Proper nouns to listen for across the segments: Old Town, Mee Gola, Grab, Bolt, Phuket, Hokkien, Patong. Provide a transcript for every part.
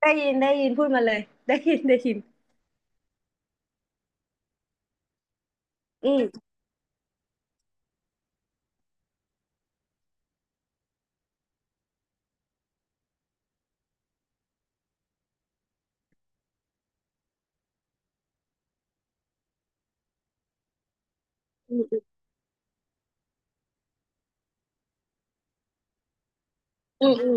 ได้ยินได้ยินพูดมาเลย ได้ยินได้ยินอืมอืมอืมอืม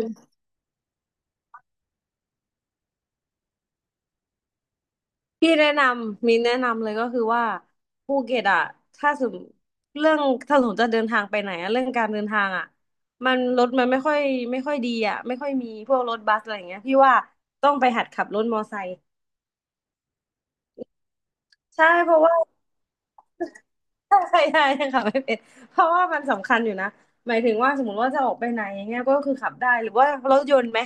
พี่แนะนำมีแนะนำเลยก็คือว่าภูเก็ตอ่ะถ้าสมเรื่องถ้าสมมติจะเดินทางไปไหนอะเรื่องการเดินทางอ่ะมันรถมันไม่ค่อยดีอ่ะไม่ค่อยมีพวกรถบัสอะไรอย่างเงี้ยพี่ว่าต้องไปหัดขับรถมอไซค์ใช่เพราะว่า ใช่ใช่ขับไม่เป็นเพราะว่ามันสำคัญอยู่นะหมายถึงว่าสมมติว่าจะออกไปไหนอย่างเงี้ยก็คือขับได้หรือว่ารถยนต์ไหม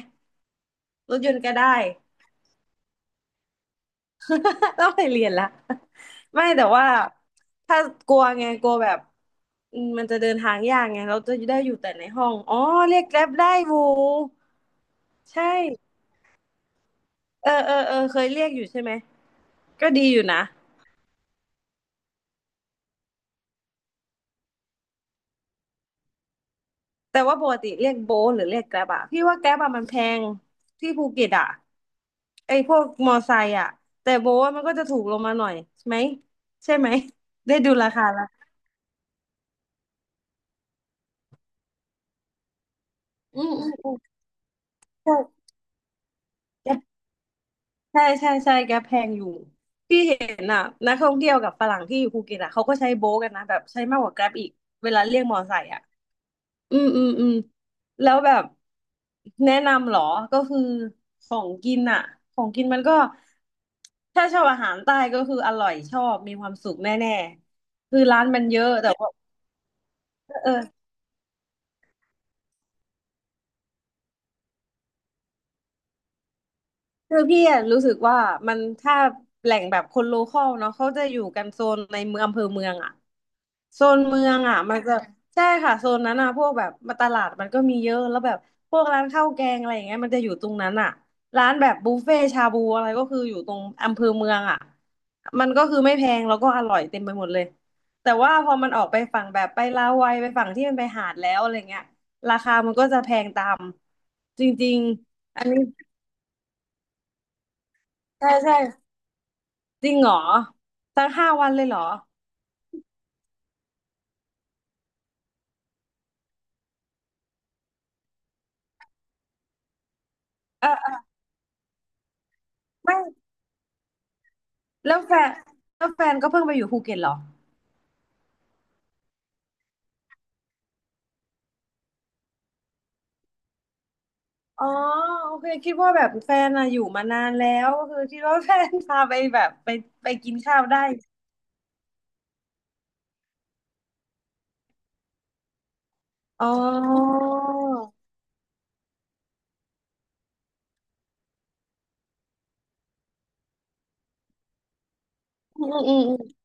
รถยนต์ก็ได้ ต้องไปเรียนละไม่แต่ว่าถ้ากลัวไงกลัวแบบมันจะเดินทางยากไงเราจะได้อยู่แต่ในห้องอ๋อเรียกแกร็บได้บูใช่เออเคยเรียกอยู่ใช่ไหมก็ดีอยู่นะแต่ว่าปกติเรียกโบทหรือเรียกแกร็บอะพี่ว่าแกร็บอะมันแพงที่ภูเก็ตอะไอพวกมอไซค์อะแต่โบทอะมันก็จะถูกลงมาหน่อยใช่ไหมใช่ไหม ได้ดูราคาละอืมใช่ ใช่ใช่ใช่แก๊ปแพงอยู่ที่เห็นอ่ะนักท่องเที่ยวกับฝรั่งที่อยู่ภูเก็ตอ่ะเขาก็ใช้โบ๊ทกันนะแบบใช้มากกว่าแกรบอีกเวลาเรียกมอไซค์อ่ะอืมแล้วแบบแนะนำเหรอก็คือของกินอ่ะของกินมันก็ถ้าชอบอาหารใต้ก็คืออร่อยชอบมีความสุขแน่ๆคือร้านมันเยอะแต่ว่าเออ คือพี่อะรู้สึกว่ามันถ้าแหล่งแบบคนโลคอลเนาะเขาจะอยู่กันโซนในเมืองอำเภอเมืองอะโซนเมืองอะมันจะใช่ค่ะโซนนั้นอะพวกแบบมาตลาดมันก็มีเยอะแล้วแบบพวกร้านข้าวแกงอะไรอย่างเงี้ยมันจะอยู่ตรงนั้นอะร้านแบบบุฟเฟ่ชาบูอะไรก็คืออยู่ตรงอำเภอเมืองอะมันก็คือไม่แพงแล้วก็อร่อยเต็มไปหมดเลยแต่ว่าพอมันออกไปฝั่งแบบไปลาวัยไปฝั่งที่มันไปหาดแล้วอะไรเงี้ยราคามันก็จะแพงตามจริงๆอันนี้ใช่ใช่ จริงเหรอ ตั้ง5 วันเลยเหรอเออเออไม่แล้วแฟนแล้วแฟนก็เพิ่งไปอยู่ภูเก็ตเหรออ๋อโอเคคิดว่าแบบแฟนอะอยู่มานานแล้วก็คือคิดว่าแฟนพาไปแบบไปไปกินข้าวได้อ๋ออืม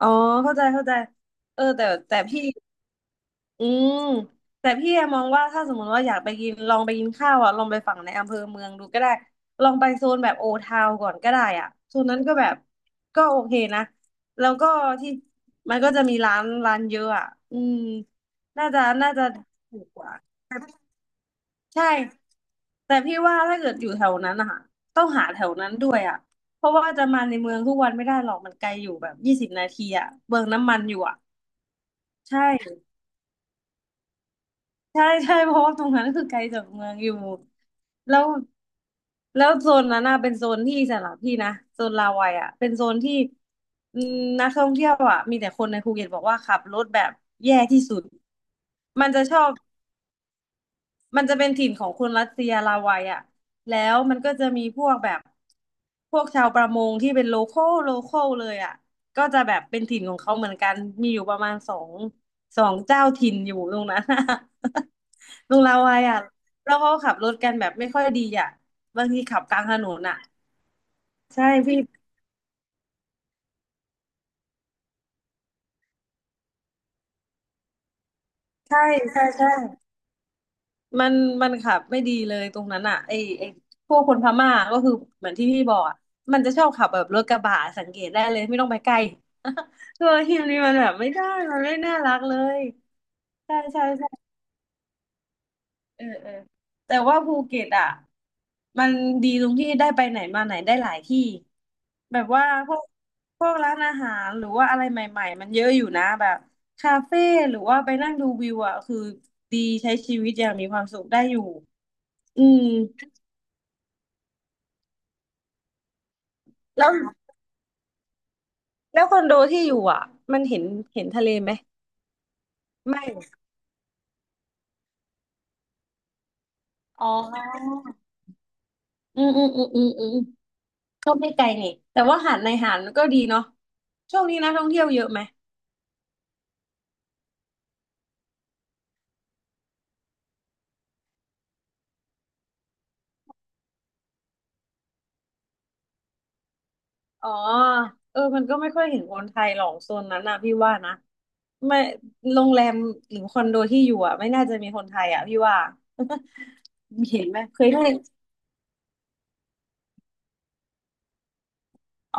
อ๋อเข้าใจเข้าใจเออแต่แต่พี่ อืมแต่พี่แอมมองว่าถ้าสมมติว่าอยากไปกินลองไปกินข้าวอ่ะลองไปฝั่งในอำเภอเมืองดูก็ได้ลองไปโซนแบบโอทาวก่อนก็ได้อ่ะโซนนั้นก็แบบก็โอเคนะแล้วก็ที่มันก็จะมีร้านเยอะอ่ะอืมน่าจะน่าจะถูกกว่าใช่แต่พี่ว่าถ้าเกิดอยู่แถวนั้นนะคะต้องหาแถวนั้นด้วยอ่ะเพราะว่าจะมาในเมืองทุกวันไม่ได้หรอกมันไกลอยู่แบบ20 นาทีอ่ะเบืองน้ำมันอยู่อ่ะใช่ ใช่ใช่ เพราะว่าตรงนั้นคือไกลจากเมืองอยู่แล้วแล้วโซนนั้นน่ะเป็นโซนที่สำหรับพี่นะโซนลาวัยอ่ะเป็นโซนที่อืมนักท่องเที่ยวอ่ะมีแต่คนในภูเก็ตบอกว่าขับรถแบบแย่ที่สุดมันจะชอบ มันจะเป็นถิ่นของคนรัสเซียลาวัยอ่ะแล้วมันก็จะมีพวกแบบ พวกชาวประมงที่เป็นโลคอลโลคอลเลยอ่ะก็จะแบบเป็นถิ่นของเขาเหมือนกัน มีอยู่ประมาณสองเจ้าถิ่นอยู่ตรงนั้น ตรงลาวัยอ่ะแล้วเขาขับรถกันแบบไม่ค่อยดีอ่ะบางทีขับกลางถนนอ่ะใช่พี่ใช่ใช่ใช่ มันมันขับไม่ดีเลยตรงนั้นอ่ะไอพวกคนพม่าก็คือเหมือนที่พี่บอกอ่ะมันจะชอบขับแบบรถกระบะสังเกตได้เลยไม่ต้องไปใกล้ ตัวทีมนี้มันแบบไม่ได้มันไม่น่ารักเลยใช่ใช่ใช่เออเออแต่ว่าภูเก็ตอ่ะมันดีตรงที่ได้ไปไหนมาไหนได้หลายที่แบบว่าพวกร้านอาหารหรือว่าอะไรใหม่ๆมันเยอะอยู่นะแบบคาเฟ่หรือว่าไปนั่งดูวิวอ่ะคือดีใช้ชีวิตอย่างมีความสุขได้อยู่อืม แล้วแล้วคอนโดที่อยู่อ่ะมันเห็นเห็นทะเลไหมไม่อ๋ออืมก็ไม่ไกลนี่แต่ว่าหาดในหาดมันก็ดีเนาะช่วงนี้นักท่องเที่ยวเยอะไหมอ๋อเออมันก็ไม่ค่อยเห็นคนไทยหรอกโซนนั้นนะพี่ว่านะไม่โรงแรมหรือคอนโดที่อยู่อ่ะไม่น่าจะมีคนไทยอ่ะพี่ว่า เห็นไหมเคยได้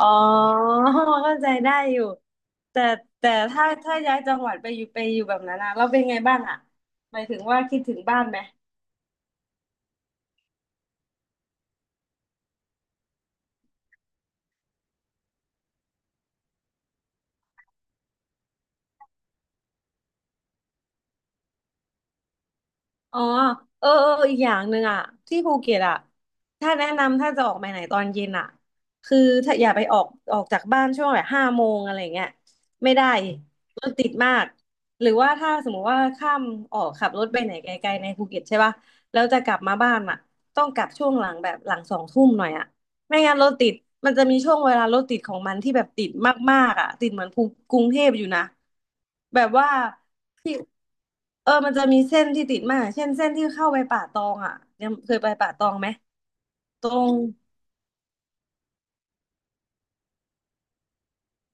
อ๋อเข้าใจได้อยู่ แต่แต่ถ้าย้ายจังหวัดไปอยู่แบบนั้นอะเราเป็นไงบ้างอะหมายถึงว่าคิดถึงบ้านไหม อ๋อเออเอออีกอย่างหนึ่งอ่ะที่ภูเก็ตอ่ะถ้าแนะนำถ้าจะออกไปไหนตอนเย็นอ่ะคือถ้าอย่าไปออกจากบ้านช่วงแบบ5 โมงอะไรเงี้ยไม่ได้รถติดมากหรือว่าถ้าสมมุติว่าข้ามออกขับรถไปไหนไกลๆในภูเก็ตใช่ป่ะแล้วจะกลับมาบ้านอ่ะต้องกลับช่วงหลังแบบหลัง2 ทุ่มหน่อยอ่ะไม่งั้นรถติดมันจะมีช่วงเวลารถติดของมันที่แบบติดมากๆอ่ะติดเหมือนกรุงเทพอยู่นะแบบว่า เออมันจะมีเส้นที่ติดมากเช่นเส้นที่เข้าไปป่าตองอ่ะยังเคยไปป่าตองไหมตรง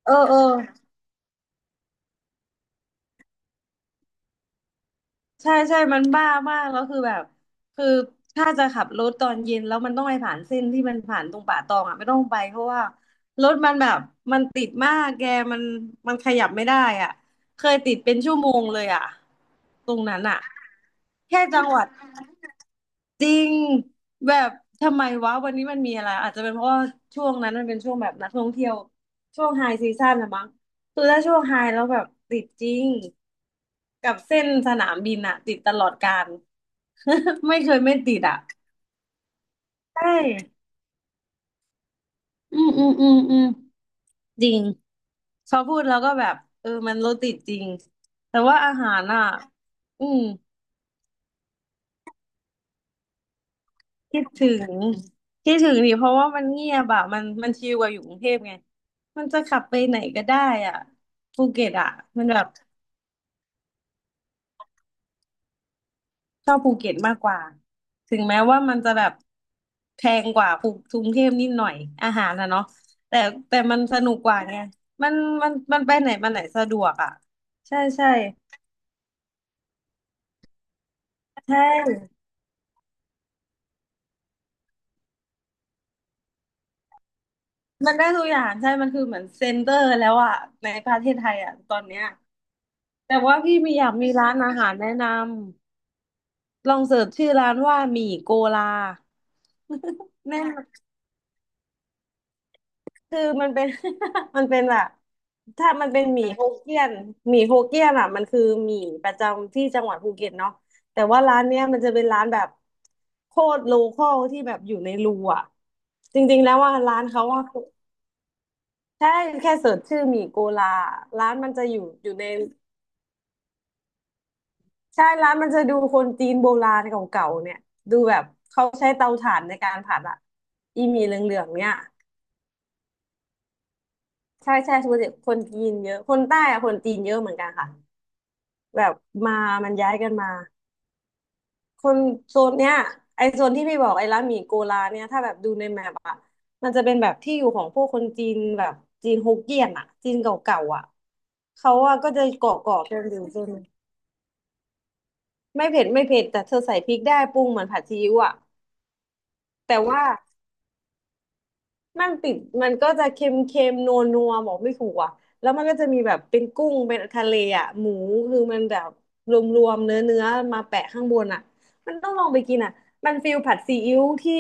เออเออใช่ใช่มันบ้ามากแล้วคือแบบคือถ้าจะขับรถตอนเย็นแล้วมันต้องไปผ่านเส้นที่มันผ่านตรงป่าตองอ่ะไม่ต้องไปเพราะว่ารถมันแบบมันติดมากแกมันขยับไม่ได้อ่ะเคยติดเป็นชั่วโมงเลยอ่ะตรงนั้นอ่ะแค่จังหวัด จริงแบบทำไมวะวันนี้มันมีอะไรอาจจะเป็นเพราะว่าช่วงนั้นมันเป็นช่วงแบบนักท่องเที่ยวช่วงไฮซีซั่นนะมั้งคือถ้าช่วงไฮแล้วแบบติดจริงกับเส้นสนามบินอะติดตลอดการ ไม่เคยไม่ติดอะใช่อืมอืมอืมอืมจริงพอพูดแล้วก็แบบเออมันรถติดจริงแต่ว่าอาหารอ่ะอืม คิดถึงคิดถึงดิเพราะว่ามันเงียบอะมันชิลกว่าอยู่กรุงเทพไงมันจะขับไปไหนก็ได้อ่ะภูเก็ตอ่ะมันแบบชอบภูเก็ตมากกว่าถึงแม้ว่ามันจะแบบแพงกว่ากรุงเทพนิดหน่อยอาหารนะเนาะแต่แต่มันสนุกกว่าไงมันไปไหนมาไหนสะดวกอ่ะใช่ใช่ใช่มันได้ทุกอย่างใช่มันคือเหมือนเซ็นเตอร์แล้วอ่ะในประเทศไทยอ่ะตอนเนี้ยแต่ว่าพี่มีอยากมีร้านอาหารแนะนำ ลองเสิร์ชชื่อร้านว่าหมี่โกลา แน่นอนคือมันเป็น มันเป็นแบบถ้ามันเป็นหมี่โฮเกี้ยนหมี่โฮเกี้ยนอ่ะมันคือหมี่ประจำที่จังหวัดภูเก็ตเนาะแต่ว่าร้านเนี้ยมันจะเป็นร้านแบบโคตรโลคอลที่แบบอยู่ในรูอ่ะจริงๆแล้วว่าร้านเขาว่าใช่แค่เสิร์ชชื่อหมี่โกลาร้านมันจะอยู่ในใช่ร้านมันจะดูคนจีนโบราณเก่าๆเนี่ยดูแบบเขาใช้เตาถ่านในการผัดอ่ะอีหมี่เหลืองๆเนี่ย ใช่ใช่คนจีนเยอะคนใต้อะคนจีนเยอะเหมือนกันค่ะแบบมาย้ายกันมาคนโซนเนี้ยไอโซนที่พี่บอกไอร้านหมี่โกลาเนี่ยถ้าแบบดูในแมปอะมันจะเป็นแบบที่อยู่ของพวกคนจีนแบบจีนฮกเกี้ยนอะจีนเก่าๆอะเขาอะก็จะเกาะกันอยู่โซนไม่เผ็ดไม่เผ็ดแต่เธอใส่พริกได้ปรุงเหมือนผัดซีอิ๊วอะแต่ว่า มันติดมันก็จะเค็มเค็มนัวนัวบอกไม่ถูกอ่ะแล้วมันก็จะมีแบบเป็นกุ้งเป็นทะเลอ่ะหมูคือมันแบบรวมๆเนื้อเนื้อมาแปะข้างบนอ่ะมันต้องลองไปกินอ่ะมันฟิลผัดซีอิ๊วที่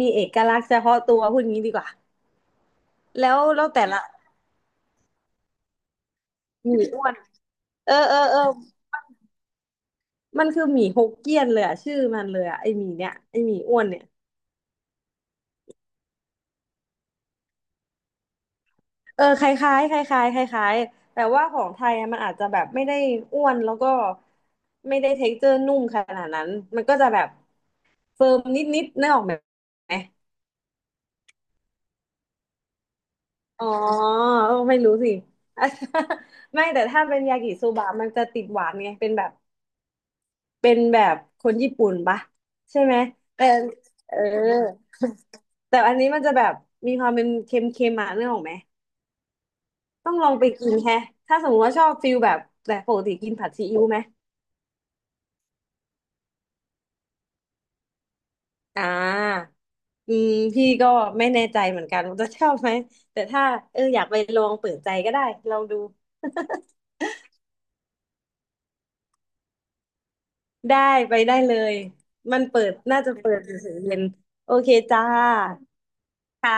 มีเอกลักษณ์เฉพาะตัวพูดงี้ดีกว่าแล้วแต่ละหมี่อ้วนเออเออเออมันคือหมี่ฮกเกี้ยนเลยอ่ะชื่อมันเลยอ่ะไอหมี่เนี้ยไอหมี่อ้วนเนี่ย เออคล้ายๆคล้ายๆคล้ายๆแต่ว่าของไทยอะมันอาจจะแบบไม่ได้อ้วนแล้วก็ไม่ได้เท็กเจอร์นุ่มขนาดนั้นมันก็จะแบบเฟิร์มนิดๆนึกออกไหมอ๋อเออไม่รู้สิ ไม่แต่ถ้าเป็นยากิโซบะมันจะติดหวานไงเป็นแบบเป็นแบบคนญี่ปุ่นปะใช่ไหมแต่เออแต่อันนี้มันจะแบบมีความเป็นเค็มๆมาเนื้อออกไหมต้องลองไปกินแฮะถ้าสมมติว่าชอบฟิลแบบแต่ปกติกินผัดซีอิ๊วไหม อ่าอืมพี่ก็ไม่แน่ใจเหมือนกันว่าจะชอบไหม แต่ถ้าเอออยากไปลองเปิดใจก็ได้ลองดูได้ไปได้เลย มันเปิดน่าจะเปิดถึง4 โมงเย็นโอเคจ้า ค่ะ